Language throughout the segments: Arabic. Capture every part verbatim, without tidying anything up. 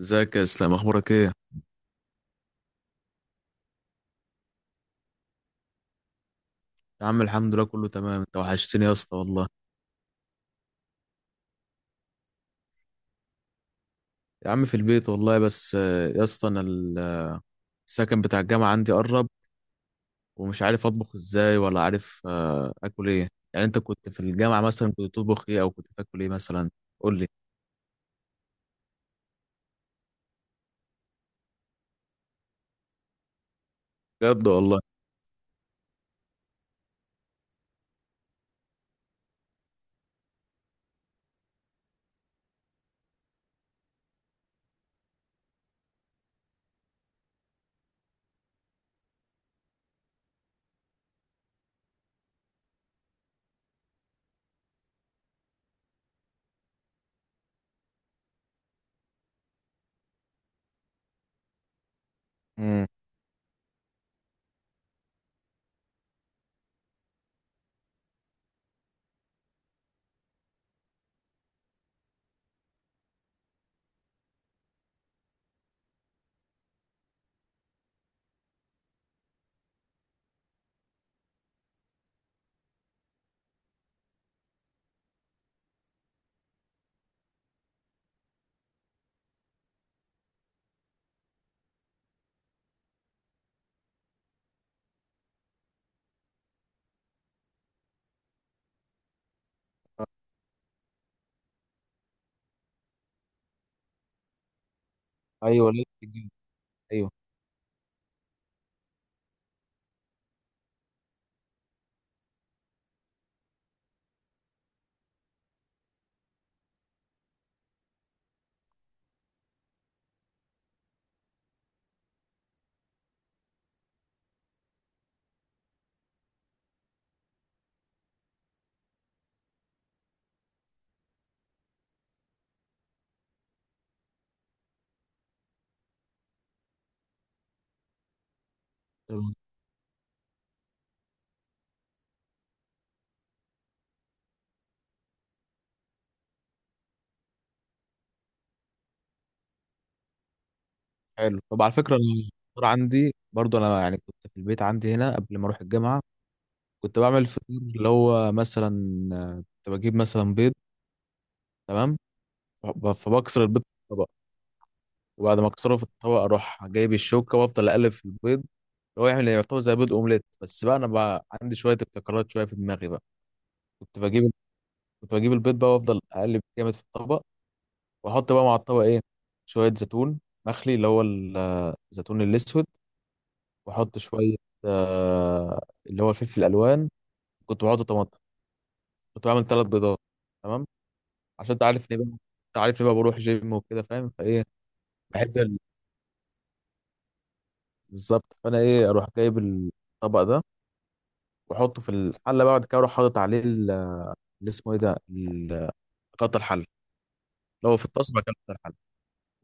ازيك يا اسلام؟ اخبارك ايه؟ يا عم الحمد لله، كله تمام. انت وحشتني يا اسطى والله. يا عم في البيت والله. بس آه، يا اسطى انا ال- السكن بتاع الجامعه عندي قرب، ومش عارف اطبخ ازاي، ولا عارف آه، اكل ايه. يعني انت كنت في الجامعه مثلا، كنت تطبخ ايه او كنت تاكل ايه مثلا؟ قول لي. بجد والله؟ امم. ايوه، ليه بتجيب؟ ايوه. طب حلو. طب على فكره، انا الفطار عندي برضو، انا يعني كنت في البيت عندي هنا قبل ما اروح الجامعه. كنت بعمل فطور اللي هو مثلا آه، كنت بجيب مثلا بيض. تمام. ب- فبكسر البيض في الطبق، وبعد ما اكسره في الطبق اروح جايب الشوكه وافضل اقلب في البيض، اللي هو يعمل يعتبر زي بيض اومليت، بس بقى انا بقى عندي شويه ابتكارات، شويه في دماغي بقى. كنت بجيب كنت بجيب البيض بقى، وافضل اقلب جامد في الطبق، واحط بقى مع الطبق ايه، شويه زيتون، مخلي اللي هو ال- الزيتون الاسود. واحط شويه آه اللي هو الفلفل الالوان، كنت بحط طماطم، كنت بعمل ثلاث بيضات. تمام. عشان انت عارف اني بقى، انت عارف اني بقى بروح جيم وكده، فاهم فايه. بحب. بالظبط، فانا ايه اروح جايب الطبق ده، واحطه في الحله، بقى بعد كده اروح حاطط عليه ال- اللي اسمه ايه ده ال- قطع الحل، لو في الطاسه بقى قطع الحل.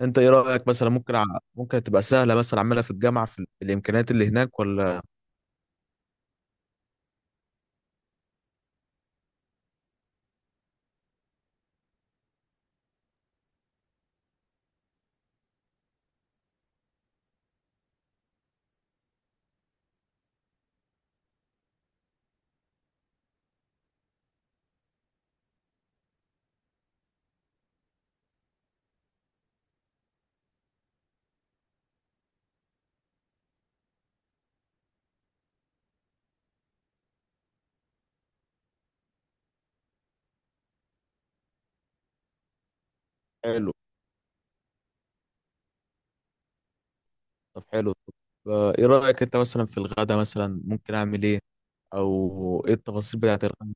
انت ايه رايك مثلا؟ ممكن ع... ممكن تبقى سهله مثلا اعملها في الجامعه، في ال- الامكانيات اللي هناك، ولا؟ حلو. طب حلو طب، آه، ايه رايك انت مثلا في الغدا؟ مثلا ممكن اعمل ايه؟ او ايه التفاصيل بتاعت الغدا؟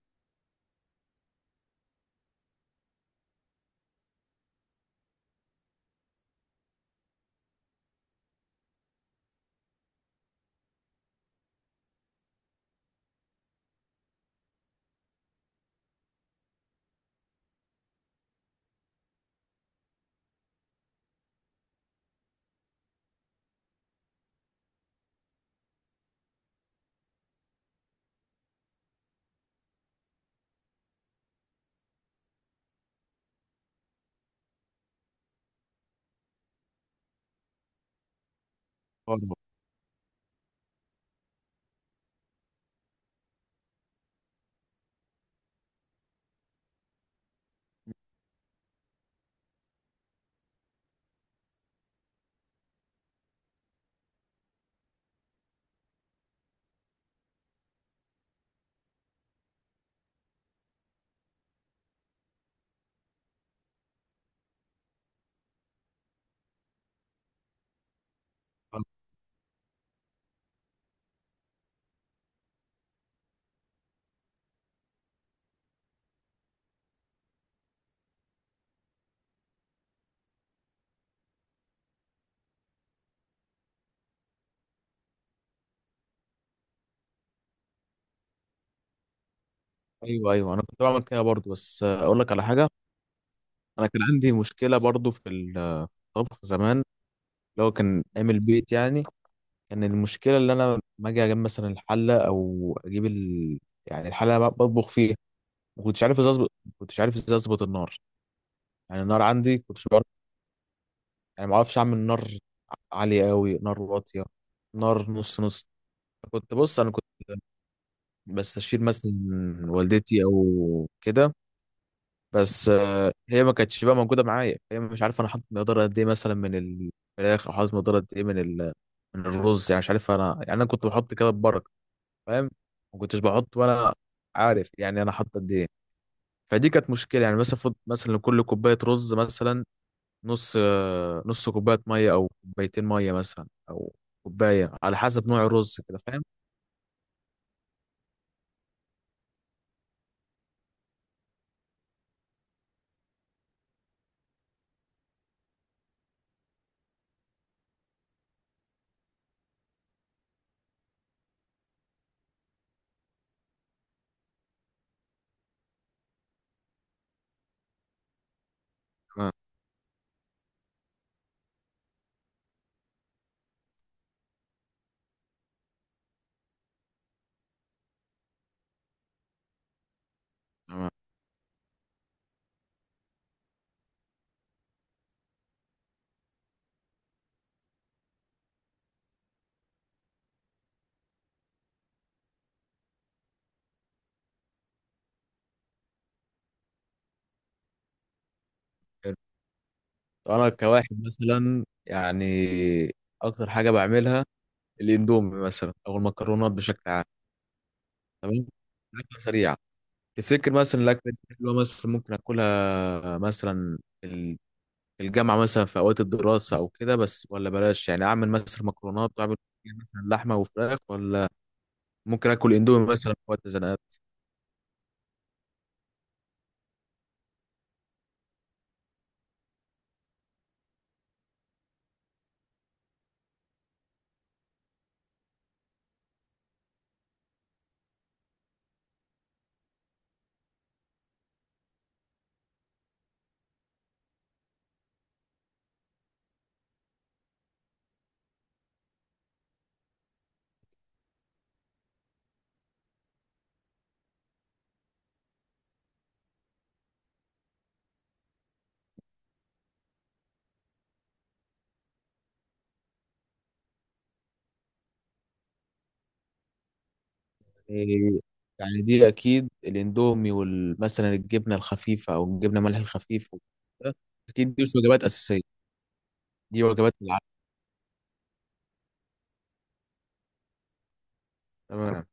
ايوه، ايوه، انا كنت بعمل كده برضو، بس آه، اقول لك على حاجه. انا كان عندي مشكله برضو في الطبخ زمان، اللي هو كان عامل بيت يعني. كان المشكله اللي انا لما اجي اجيب مثلا الحله، او اجيب ال... يعني الحله اللي أنا بطبخ فيها، ما كنتش عارف ازاي اظبط ما كنتش عارف ازاي اظبط النار. يعني النار عندي كنتش بعرف. يعني ما اعرفش اعمل نار عاليه قوي، نار واطيه، نار نص نص. كنت بص، انا كنت بستشير مثلا والدتي او كده. بس آه، هي ما كانتش بقى موجوده معايا، هي مش عارف انا حاطط مقدار قد ايه مثلا من الفراخ، او حاطط مقدار قد ايه من ال... من الرز. يعني مش عارف انا، يعني انا كنت بحط كده ببركه، فاهم. ما كنتش بحط وانا عارف يعني انا حاطط قد ايه. فدي كانت مشكله، يعني مثلا فض- مثلا لكل كوبايه رز مثلا نص آه، نص كوبايه ميه، او كوبايتين ميه مثلا، او كوبايه على حسب نوع الرز كده، فاهم؟ تمام. حلو. انا كواحد مثلا يعني اكتر حاجه بعملها الاندومي مثلا، او المكرونات بشكل عام. تمام. اكله سريعه. تفتكر مثلا الاكله دي حلوه؟ مثلا ممكن اكلها مثلا الجامعة مثلا في أوقات الدراسة أو كده بس؟ ولا بلاش يعني أعمل مثلا مكرونات، وأعمل مثلا لحمة وفراخ؟ ولا ممكن آكل إندومي مثلا في وقت الزنقات يعني. يعني دي أكيد الإندومي وال- مثلا الجبنة الخفيفة أو الجبنة ملح الخفيف وكده، أكيد دي مش وجبات أساسية. دي وجبات العشاء. تمام.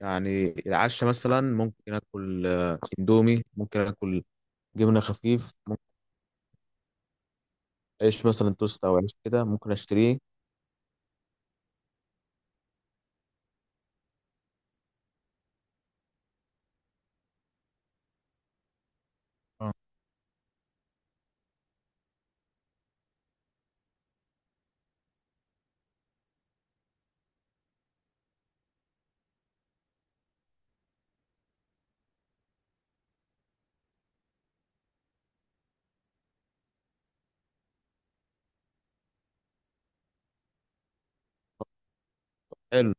يعني العشاء مثلا ممكن آكل آه، إندومي، ممكن آكل جبنة خفيف، ممكن عيش مثلا توست أو عيش كده ممكن أشتريه. آه. حلو.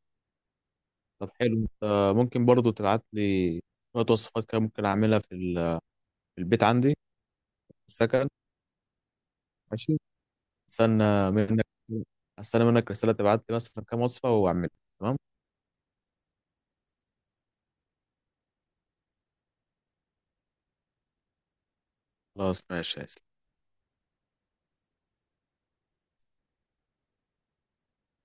طب حلو، انت ممكن برضو تبعت لي شوية وصفات كده ممكن اعملها في ال- في البيت عندي في السكن. ماشي. استنى منك استنى منك رسالة تبعت لي مثلا كام وصفة واعملها. تمام. خلاص ماشي.